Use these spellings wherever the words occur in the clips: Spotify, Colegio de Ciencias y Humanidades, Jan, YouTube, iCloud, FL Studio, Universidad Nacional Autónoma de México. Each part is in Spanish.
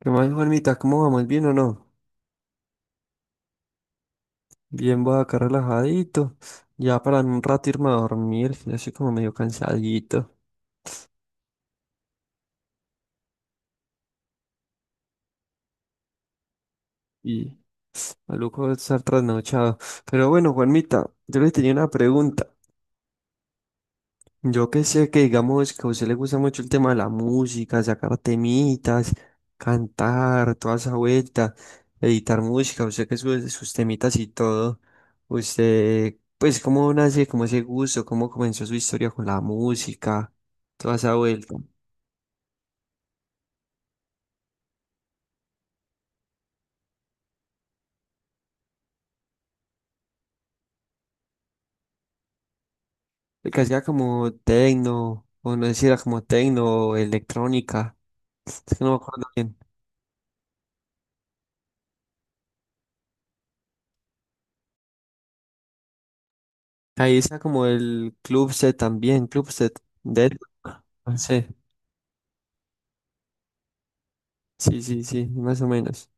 ¿Qué más, Juanmita? ¿Cómo vamos? ¿Bien o no? Bien, voy acá relajadito. Ya para en un rato irme a dormir. Que Ya estoy como medio cansadito. Y maluco estar trasnochado. Pero bueno, Juanmita, yo le tenía una pregunta. Yo que sé que digamos que a usted le gusta mucho el tema de la música, sacar temitas, cantar, toda esa vuelta, editar música, usted que sube sus temitas y todo. Usted, pues, ¿cómo nace, cómo ese gusto, cómo comenzó su historia con la música, toda esa vuelta? Que hacía como tecno, o no sé si era como tecno o electrónica, es que no me acuerdo bien. Ahí está como el club set también, club set de... No sé, sí, sí, sí, más o menos.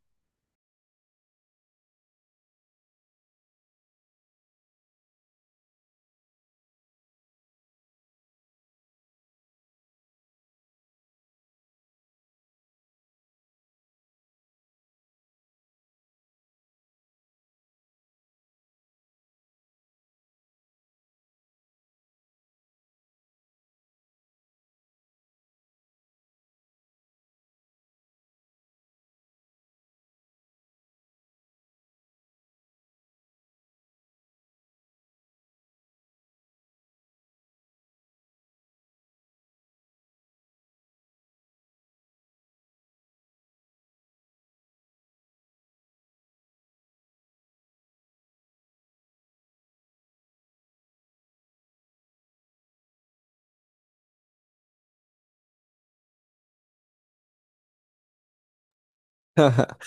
Ajá.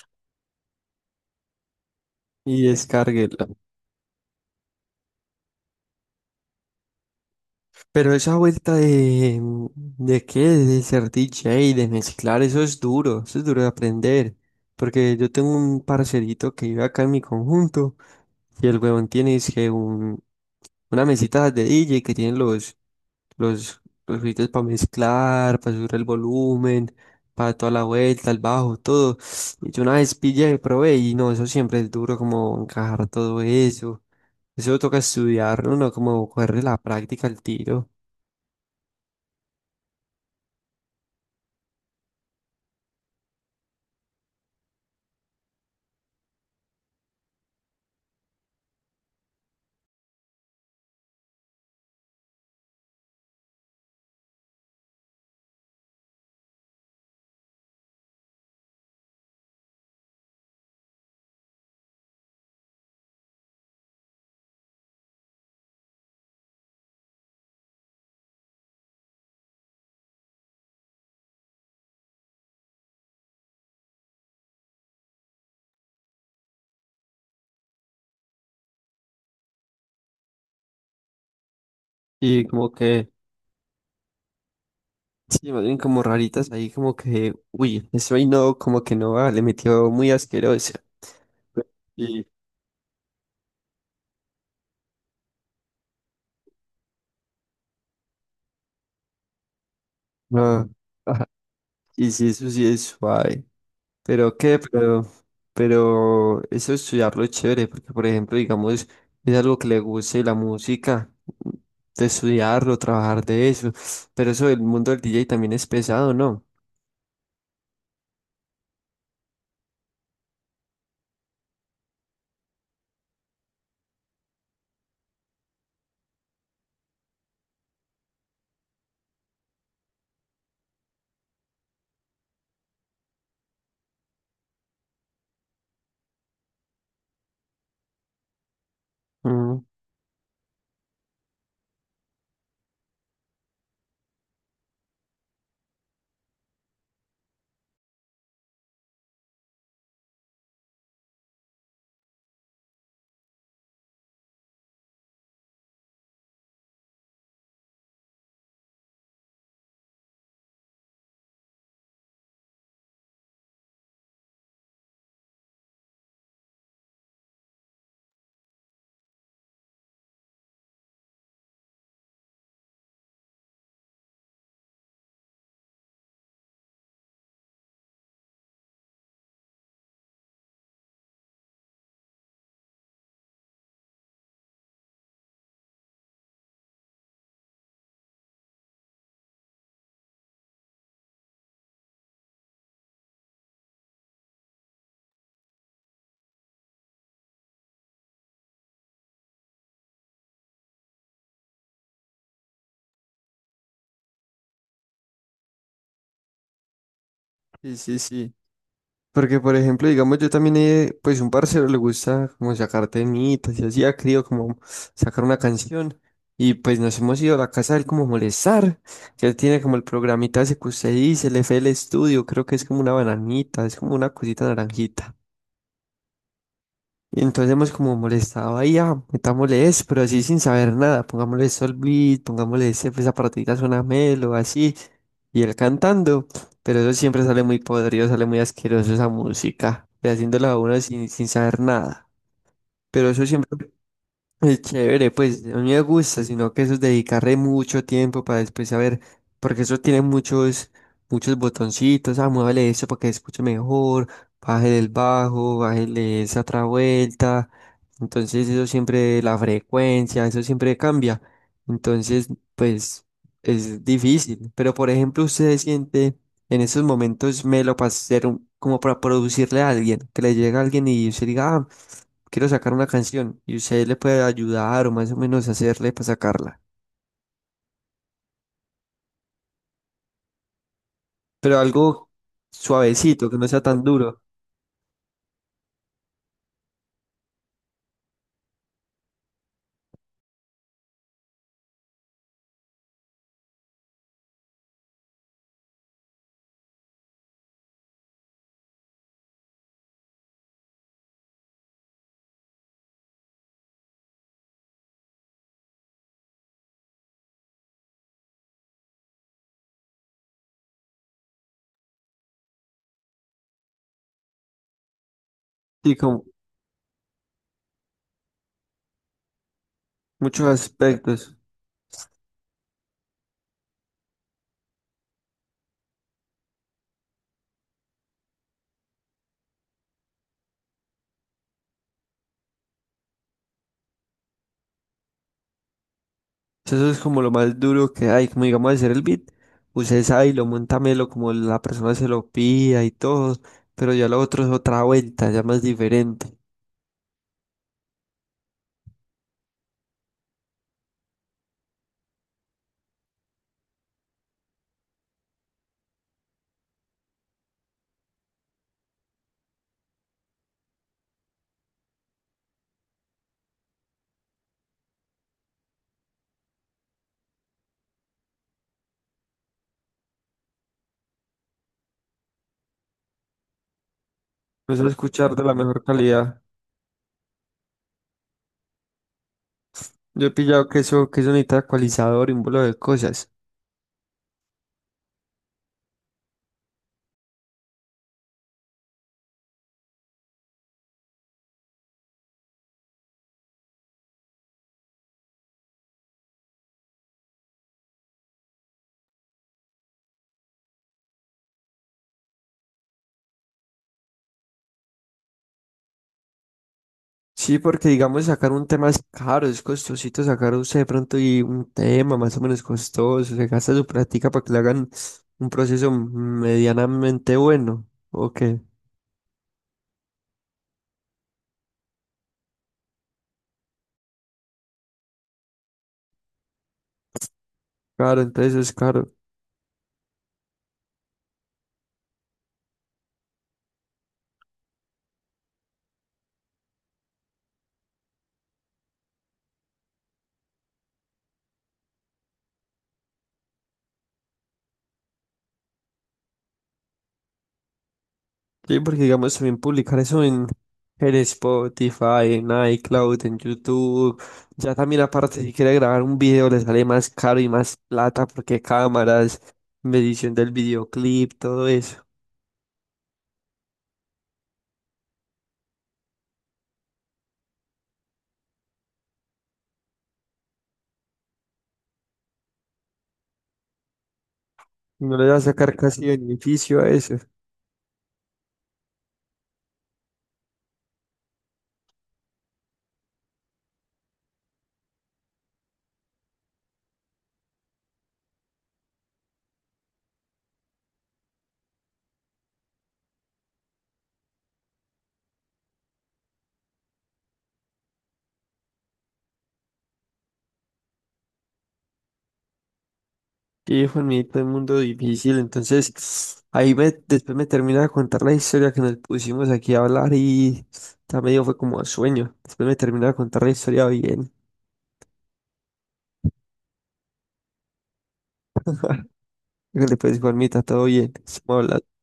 Y descárguela. Pero esa vuelta ¿de qué? De ser DJ, de mezclar, eso es duro de aprender. Porque yo tengo un parcerito que vive acá en mi conjunto y el huevón tiene es que un, una mesita de DJ que tienen los, los gritos para mezclar, para subir el volumen, para toda la vuelta, el bajo, todo. Y yo una vez pillé y probé y no, eso siempre es duro como encajar todo eso. Eso toca estudiarlo, ¿no? No, como cogerle la práctica al tiro. Y como que, sí, más bien como raritas ahí, como que, uy, eso ahí no, como que no, va, le metió muy asqueroso. Y, ah, ajá, y sí, eso sí es suave. Pero qué, pero eso estudiarlo es chévere, porque por ejemplo, digamos, es algo que le guste la música, de estudiarlo, trabajar de eso, pero eso del mundo del DJ también es pesado, ¿no? Mm. Sí, sí, sí. Porque, por ejemplo, digamos, yo también, he- pues un parcero le gusta como sacar temitas y así ha querido como sacar una canción. Y pues nos hemos ido a la casa de él como a molestar, que él tiene como el programita ese que usted dice, el FL Studio, creo que es como una bananita, es como una cosita naranjita. Y entonces hemos como molestado ahí, ah, metámosle eso, pero así sin saber nada, pongámosle Solbeat, pongámosle ese, pues, esa partidita suena melo, así, y él cantando, pero eso siempre sale muy podrido, sale muy asqueroso esa música, y haciéndola a uno sin, sin saber nada, pero eso siempre es chévere, pues a mí me gusta, sino que eso es dedicarle mucho tiempo para después saber, porque eso tiene muchos, muchos botoncitos, ah, muévele eso para que escuche mejor, bájele el bajo, bájele esa otra vuelta, entonces eso siempre, la frecuencia, eso siempre cambia, entonces pues es difícil, pero por ejemplo usted se siente en esos momentos melo para hacer un- como para producirle a alguien, que le llega a alguien y usted diga, "Ah, quiero sacar una canción y usted le puede ayudar o más o menos hacerle para sacarla, pero algo suavecito, que no sea tan duro y con muchos aspectos". Eso es como lo más duro que hay, como digamos hacer el beat, usted sabe y lo monta melo como la persona se lo pida y todo, pero ya lo otro es otra vuelta, ya más diferente. Eso es escuchar de la mejor calidad. Yo he pillado que eso necesita ecualizador y un bolo de cosas. Sí, porque digamos sacar un tema es caro, es costosito sacar usted de pronto y un tema más o menos costoso, se gasta su práctica para que le hagan un proceso medianamente bueno, ok, claro, entonces es caro. Sí, porque digamos también publicar eso en Spotify, en iCloud, en YouTube, ya también aparte si quiere grabar un video le sale más caro y más plata porque cámaras, medición del videoclip, todo eso, no le va a sacar casi beneficio a eso. Y Juanita, el mundo difícil. Entonces, ahí me, después me termina de contar la historia que nos pusimos aquí a hablar y ya medio fue como sueño. Después me termina de contar la historia bien. Después, Juanita, todo bien. Estamos hablando.